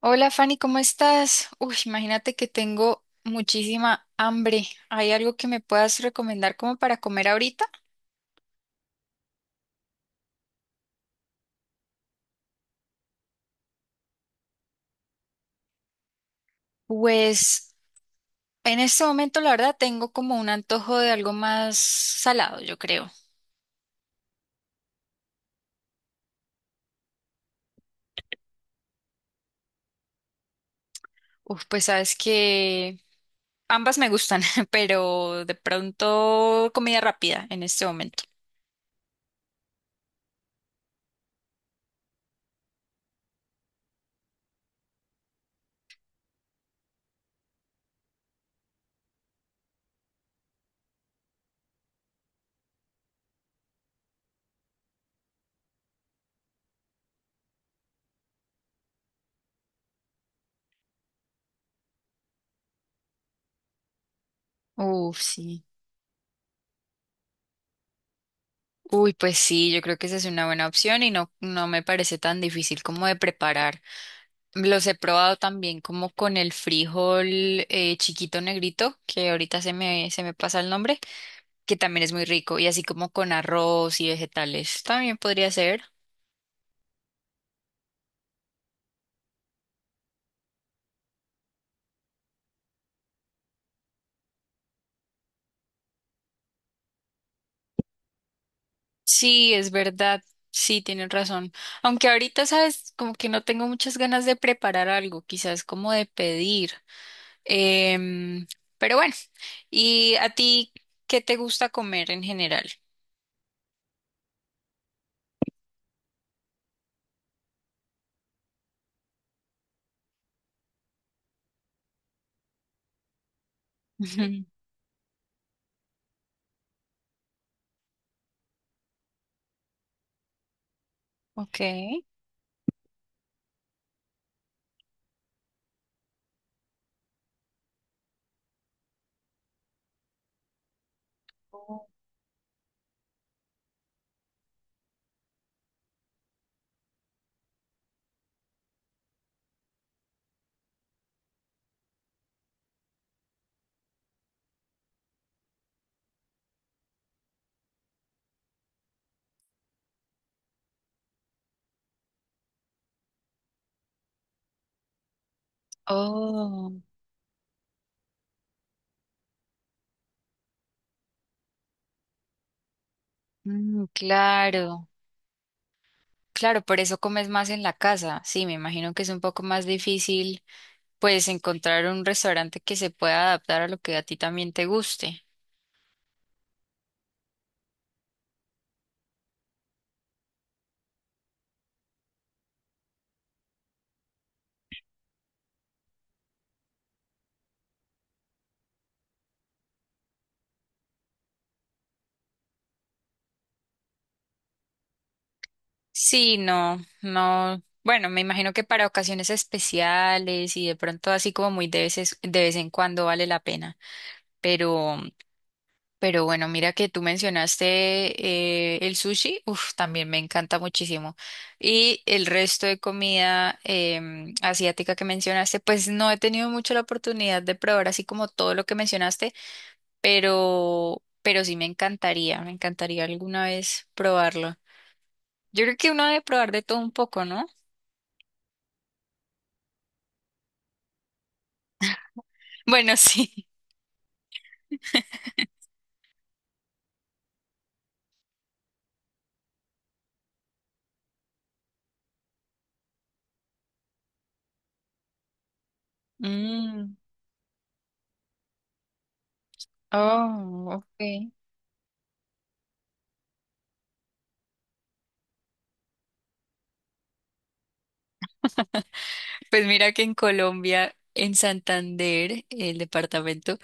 Hola Fanny, ¿cómo estás? Uy, imagínate que tengo muchísima hambre. ¿Hay algo que me puedas recomendar como para comer ahorita? Pues en este momento la verdad tengo como un antojo de algo más salado, yo creo. Uf, pues sabes que ambas me gustan, pero de pronto comida rápida en este momento. Uf, sí. Uy, pues sí, yo creo que esa es una buena opción y no, no me parece tan difícil como de preparar. Los he probado también como con el frijol chiquito negrito, que ahorita se me pasa el nombre, que también es muy rico, y así como con arroz y vegetales, también podría ser. Sí, es verdad, sí, tienes razón. Aunque ahorita, sabes, como que no tengo muchas ganas de preparar algo, quizás como de pedir. Em, pero bueno, ¿y a ti qué te gusta comer en general? Ujú. Ok. Oh, mm, claro, claro, por eso comes más en la casa. Sí, me imagino que es un poco más difícil, pues, encontrar un restaurante que se pueda adaptar a lo que a ti también te guste. Sí, no, no. Bueno, me imagino que para ocasiones especiales y de pronto así como muy de veces, de vez en cuando vale la pena. Pero Pero bueno, mira que tú mencionaste el sushi, uf, también me encanta muchísimo. Y el resto de comida asiática que mencionaste, pues no he tenido mucho la oportunidad de probar así como todo lo que mencionaste, pero sí me encantaría alguna vez probarlo. Yo creo que uno debe probar de todo un poco, ¿no? Bueno, sí. Mm, oh, ok. Pues mira que en Colombia, en Santander, el departamento.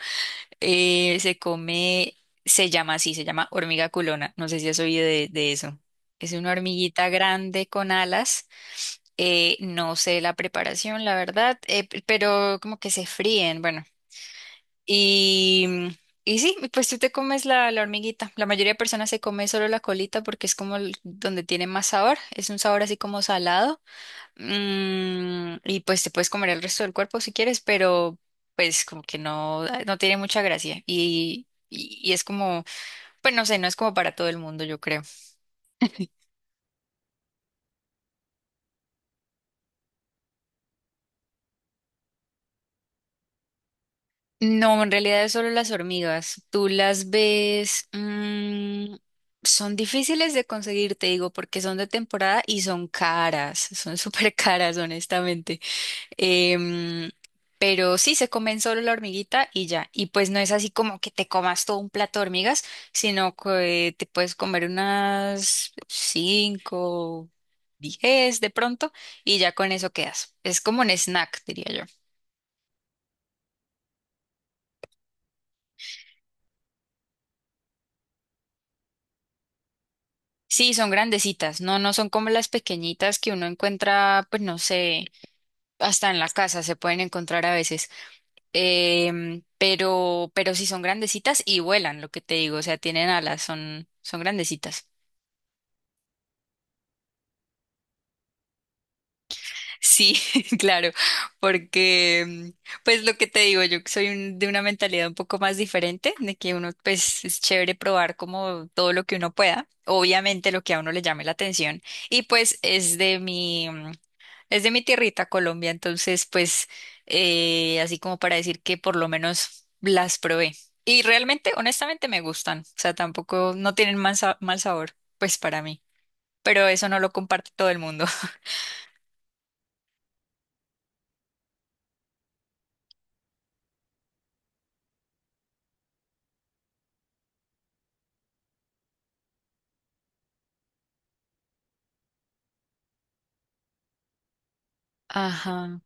Se come, se llama así, se llama hormiga culona. No sé si has oído de eso. Es una hormiguita grande con alas. No sé la preparación, la verdad, pero como que se fríen, bueno. Y, mm, y sí, pues tú te comes la, la hormiguita. La mayoría de personas se come solo la colita porque es como donde tiene más sabor. Es un sabor así como salado. Y pues te puedes comer el resto del cuerpo si quieres, pero pues como que no, ah, no tiene mucha gracia. Y es como, pues no sé, no es como para todo el mundo, yo creo. No, en realidad es solo las hormigas. Tú las ves, son difíciles de conseguir, te digo, porque son de temporada y son caras, son súper caras, honestamente. Em, pero sí, se comen solo la hormiguita y ya. Y pues no es así como que te comas todo un plato de hormigas, sino que te puedes comer unas cinco, diez de pronto y ya con eso quedas. Es como un snack, diría yo. Sí, son grandecitas, no, no son como las pequeñitas que uno encuentra, pues no sé, hasta en la casa se pueden encontrar a veces. Pero sí son grandecitas y vuelan, lo que te digo, o sea, tienen alas, son, son grandecitas. Sí, claro, porque pues lo que te digo, yo que soy de una mentalidad un poco más diferente, de que uno pues es chévere probar como todo lo que uno pueda, obviamente lo que a uno le llame la atención y pues es de es de mi tierrita Colombia, entonces pues así como para decir que por lo menos las probé y realmente honestamente me gustan, o sea, tampoco no tienen mal, mal sabor pues para mí, pero eso no lo comparte todo el mundo. Ajá.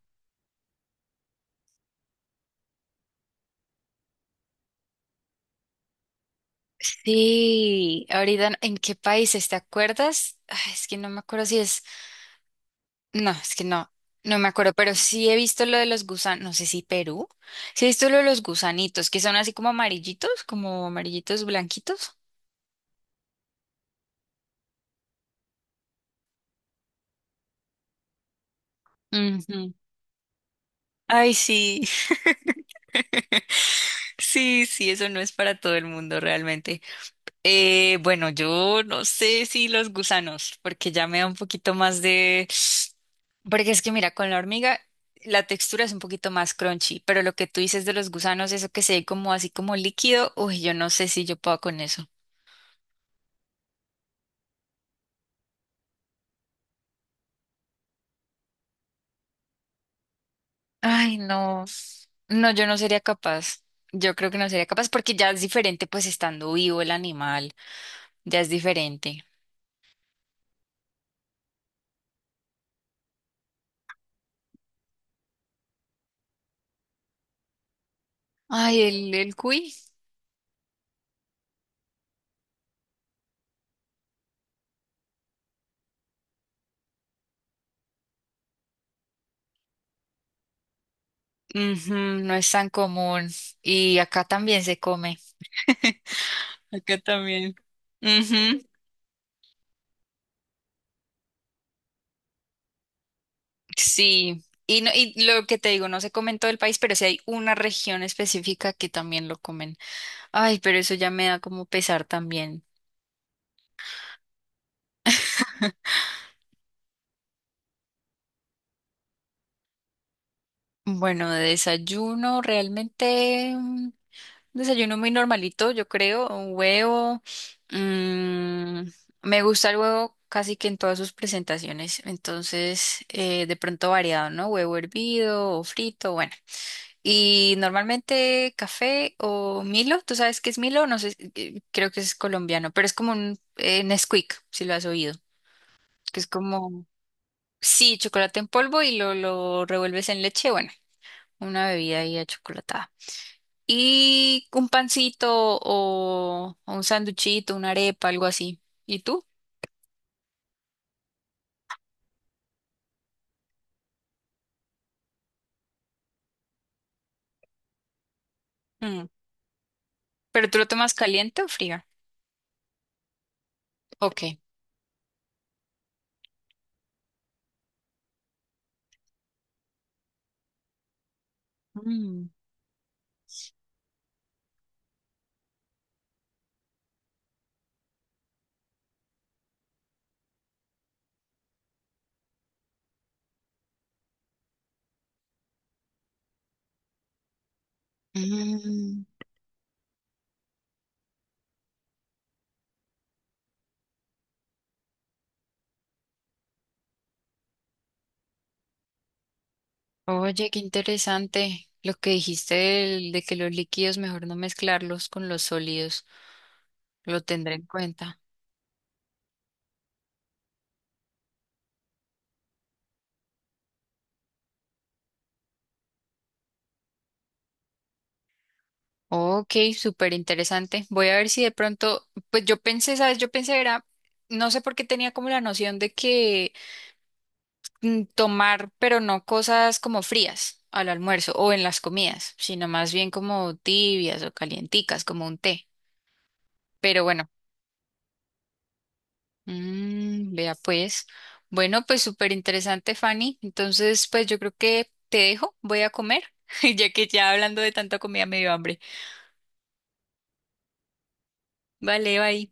Sí, ahorita, ¿en qué países te acuerdas? Ay, es que no me acuerdo si es, no, es que no, no me acuerdo, pero sí he visto lo de los gusanos, no sé si Perú, sí he visto lo de los gusanitos, que son así como amarillitos blanquitos. Ujú. Ay, sí. Sí, sí, eso no es para todo el mundo realmente. Bueno, yo no sé si los gusanos, porque ya me da un poquito más de... Porque es que mira, con la hormiga la textura es un poquito más crunchy, pero lo que tú dices de los gusanos, eso que se ve como así como líquido, uy, yo no sé si yo puedo con eso. Ay, no. No, yo no sería capaz. Yo creo que no sería capaz porque ya es diferente, pues estando vivo el animal, ya es diferente. Ay, el cuy. Ujú, no es tan común. Y acá también se come. Acá también. Ujú. Sí, y, no, y lo que te digo, no se come en todo el país, pero sí hay una región específica que también lo comen. Ay, pero eso ya me da como pesar también. Bueno, de desayuno, realmente desayuno muy normalito, yo creo, un huevo. mm, Me gusta el huevo casi que en todas sus presentaciones, entonces de pronto variado, ¿no? Huevo hervido o frito, bueno. Y normalmente café o Milo, ¿tú sabes qué es Milo? No sé, creo que es colombiano, pero es como un Nesquik, si lo has oído, que es como, sí, chocolate en polvo y lo revuelves en leche, bueno, una bebida ahí achocolatada. Y un pancito o un sanduchito, una arepa, algo así. ¿Y tú? Mm. ¿Pero tú lo tomas caliente o frío? Ok. Mm. Mm. Oye, qué interesante lo que dijiste de, que los líquidos mejor no mezclarlos con los sólidos. Lo tendré en cuenta. Ok, súper interesante. Voy a ver si de pronto, pues yo pensé, ¿sabes? Yo pensé era, no sé por qué tenía como la noción de que tomar, pero no cosas como frías al almuerzo o en las comidas, sino más bien como tibias o calienticas, como un té. Pero bueno. Mm, vea pues. Bueno, pues súper interesante, Fanny. Entonces, pues yo creo que te dejo, voy a comer, ya que ya hablando de tanta comida me dio hambre. Vale, bye.